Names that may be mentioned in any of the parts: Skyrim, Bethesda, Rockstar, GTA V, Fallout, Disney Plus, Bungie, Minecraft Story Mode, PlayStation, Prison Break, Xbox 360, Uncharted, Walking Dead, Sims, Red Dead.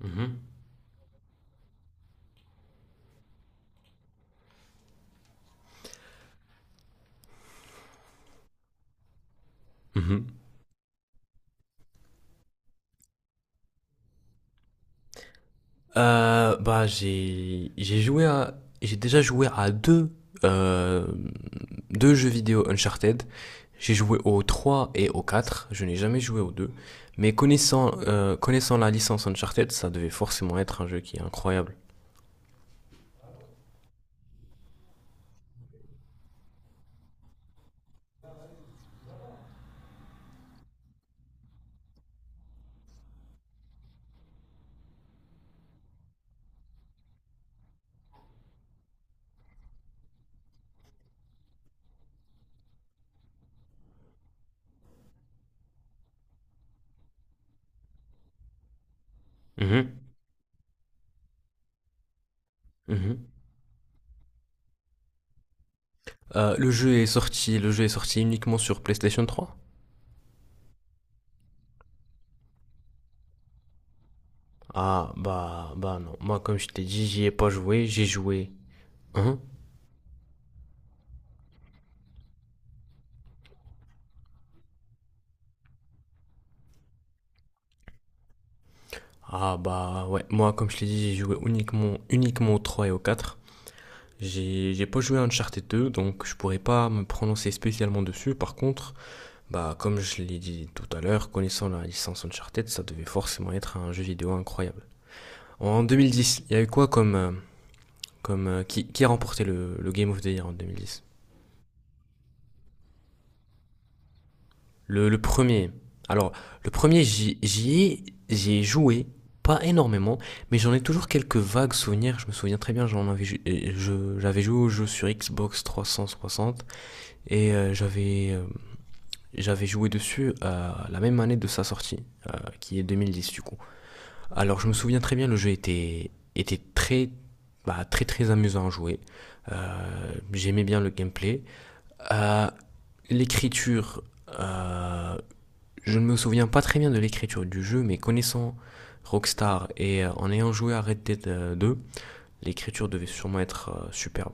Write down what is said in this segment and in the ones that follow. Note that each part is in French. Mhm. Mhm. Bah, j'ai déjà joué à deux euh, deux jeux vidéo Uncharted. J'ai joué au 3 et au quatre. Je n'ai jamais joué au deux, mais connaissant connaissant la licence Uncharted, ça devait forcément être un jeu qui est incroyable. Mhm. Mhm. Le jeu est sorti uniquement sur PlayStation trois. Ah, bah, non, moi comme je t'ai dit, j'y ai pas joué, j'ai joué. Hein. Ah, bah ouais, moi comme je l'ai dit, j'ai joué uniquement au 3 et au quatre. J'ai pas joué à Uncharted deux, donc je pourrais pas me prononcer spécialement dessus. Par contre, bah comme je l'ai dit tout à l'heure, connaissant la licence Uncharted, ça devait forcément être un jeu vidéo incroyable. En deux mille dix, il y a eu quoi comme qui a remporté le Game of the Year en deux mille dix? Le premier. Alors, le premier, j'y ai joué, pas énormément, mais j'en ai toujours quelques vagues souvenirs. Je me souviens très bien, j'en avais, ju- et je- j'avais joué au jeu sur Xbox 360 et j'avais joué dessus la même année de sa sortie, euh, qui est 2010 du coup. Alors, je me souviens très bien, le jeu était très, bah, très très amusant à jouer. J'aimais bien le gameplay. Euh, l'écriture, euh, je ne me souviens pas très bien de l'écriture du jeu, mais connaissant Rockstar et en ayant joué à Red Dead 2, l'écriture devait sûrement être superbe.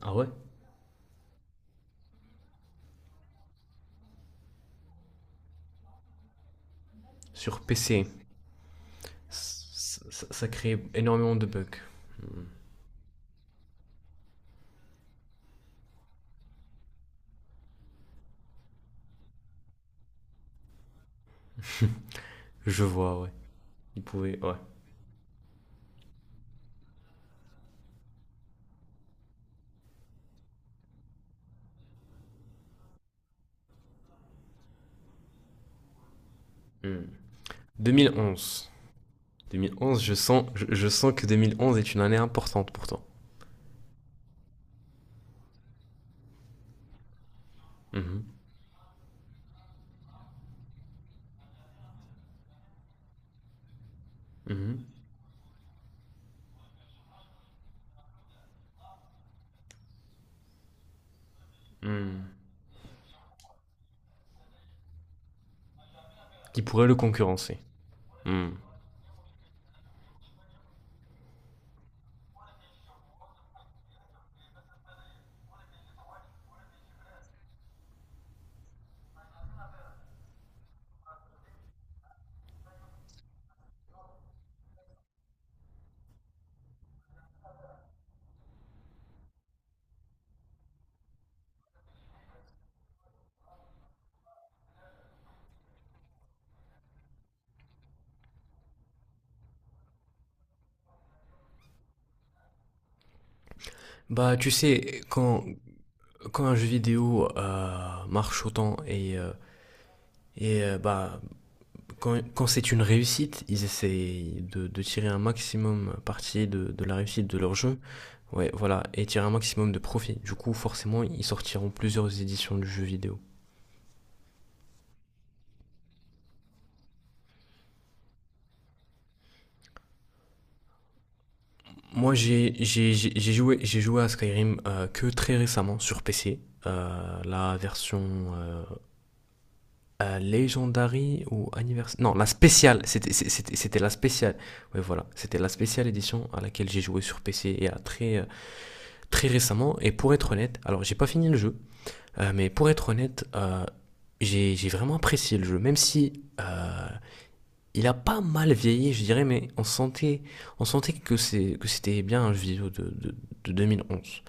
Ah ouais. Sur PC, ça créait énormément de bugs. Hmm. Je vois, ouais. Ils pouvaient, ouais. Hmm. 2011. 2011, je sens, je sens que 2011 est une année importante pour toi. Mhm. Mhm. Hmm. Qui pourrait le concurrencer. Hmm. Bah, tu sais, quand un jeu vidéo marche autant et bah, quand c'est une réussite, ils essayent de tirer un maximum parti de la réussite de leur jeu. Ouais, voilà, et tirer un maximum de profit. Du coup, forcément, ils sortiront plusieurs éditions du jeu vidéo. Moi, j'ai joué à Skyrim que très récemment sur PC. La version euh, Legendary ou anniversaire. Non, la spéciale. C'était la spéciale. Ouais, voilà. C'était la spéciale édition à laquelle j'ai joué sur PC et à très récemment, et pour être honnête, alors j'ai pas fini le jeu. Mais pour être honnête, j'ai vraiment apprécié le jeu, même si il a pas mal vieilli, je dirais, mais on sentait que c'était bien un jeu vidéo de 2011.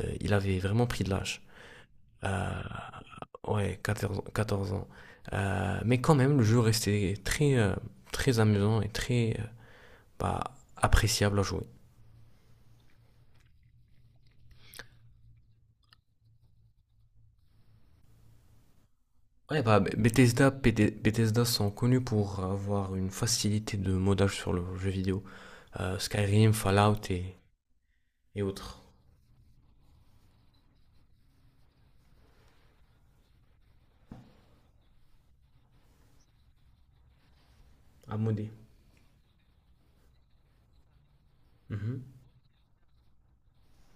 Il avait vraiment pris de l'âge. Euh, ouais, 14 ans. Mais quand même, le jeu restait très amusant et très, bah, appréciable à jouer. Ouais, bah, Bethesda sont connus pour avoir une facilité de modage sur le jeu vidéo. Skyrim, Fallout et autres. À modder. Mhm,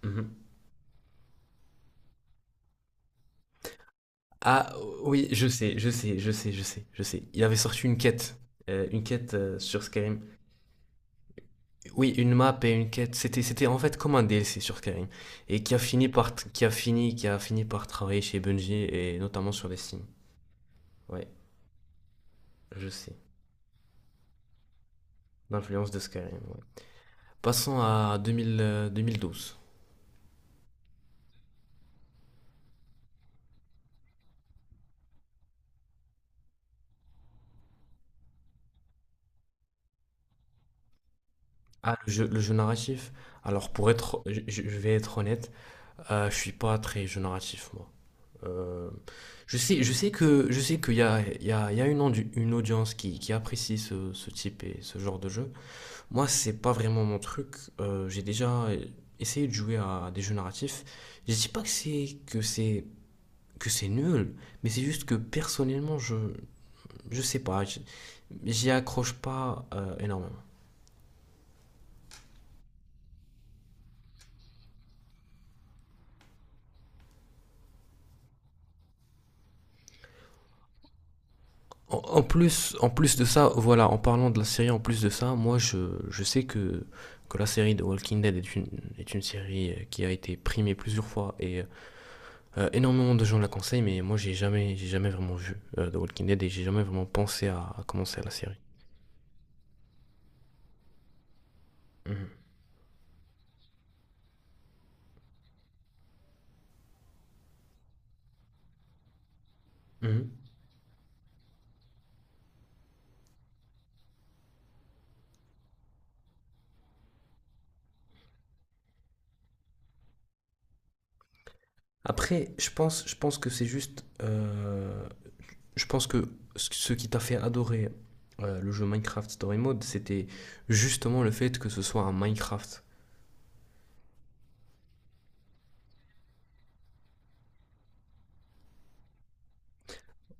mhm. Ah oui, je sais, je sais, je sais, je sais, je sais. Il avait sorti une quête sur Skyrim. Oui, une map et une quête. C'était en fait comme un DLC sur Skyrim. Et qui a fini par travailler chez Bungie et notamment sur les Sims. Ouais, je sais. L'influence de Skyrim, ouais. Passons à 2012. Ah, le jeu narratif. Alors, pour être, je vais être honnête, je suis pas très jeu narratif, moi. Euh, je sais qu' il y a, une, une audience qui apprécie ce type et ce genre de jeu. Moi, c'est pas vraiment mon truc. J'ai déjà essayé de jouer à des jeux narratifs. Je dis pas que c'est nul, mais c'est juste que personnellement, je sais pas, j'y accroche pas, énormément. En plus, en plus de ça, voilà, en parlant de la série, en plus de ça, moi je sais que la série de Walking Dead est une série qui a été primée plusieurs fois et énormément de gens la conseillent, mais moi j'ai jamais vraiment vu The Walking Dead et j'ai jamais vraiment pensé à commencer à la série. Mhm. Mhm. Après, je pense que c'est juste. Je pense que ce qui t'a fait adorer le jeu Minecraft Story Mode, c'était justement le fait que ce soit un Minecraft.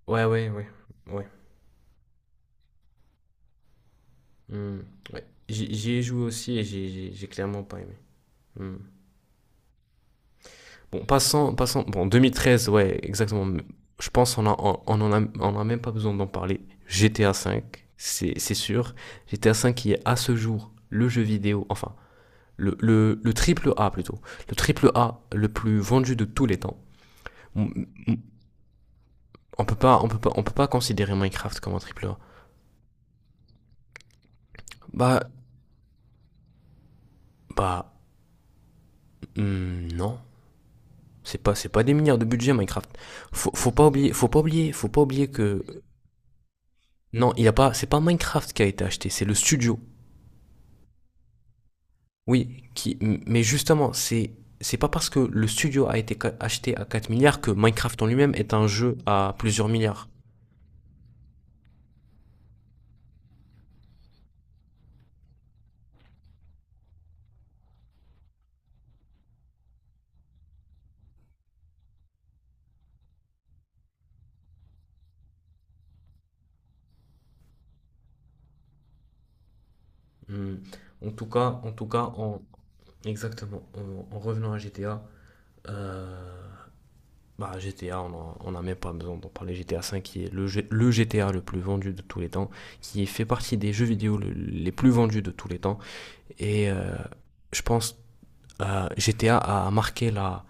Ouais, ouais, ouais. Ouais, hmm, ouais. J'y ai joué aussi et j'ai clairement pas aimé. Hmm. Bon, passons, passons. Bon, 2013, ouais, exactement. Je pense qu'on a, on en a, on a même pas besoin d'en parler. GTA V, c'est sûr. GTA V qui est à ce jour le jeu vidéo, enfin, le triple A plutôt. Le triple A le plus vendu de tous les temps. M- m- on peut pas considérer Minecraft comme un triple A. Bah, bah, non. C'est pas des milliards de budget Minecraft. Faut pas oublier que non, il y a pas, c'est pas Minecraft qui a été acheté, c'est le studio. Oui, mais justement, c'est pas parce que le studio a été acheté à 4 milliards que Minecraft en lui-même est un jeu à plusieurs milliards. Hmm. En tout cas, en tout cas, en exactement, en revenant à GTA, euh, bah, GTA, on n'a même pas besoin d'en parler. GTA 5 qui est le GTA le plus vendu de tous les temps, qui fait partie des jeux vidéo les plus vendus de tous les temps. Et je pense GTA a marqué la,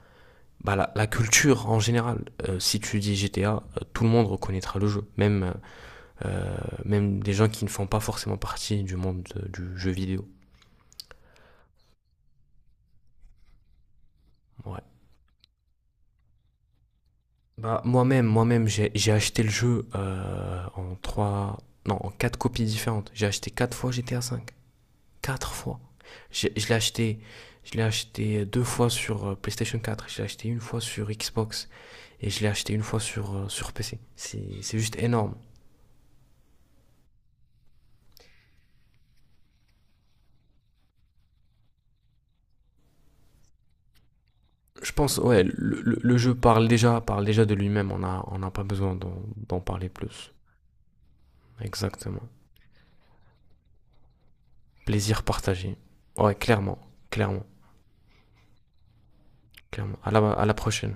bah, la, la culture en général. Si tu dis GTA, tout le monde reconnaîtra le jeu, euh, même des gens qui ne font pas forcément partie du monde du jeu vidéo. Ouais. Bah, moi-même, j'ai acheté le jeu en trois, non, en quatre copies différentes. J'ai acheté quatre fois GTA 5. Quatre fois. Je, je l'ai acheté, je l'ai acheté deux fois sur PlayStation 4, je l'ai acheté une fois sur Xbox et je l'ai acheté une fois sur PC. C'est juste énorme. Je pense, ouais, le jeu parle déjà de lui-même, on n'a pas besoin d'en parler plus. Exactement. Plaisir partagé. Ouais, clairement, clairement, clairement. À la prochaine.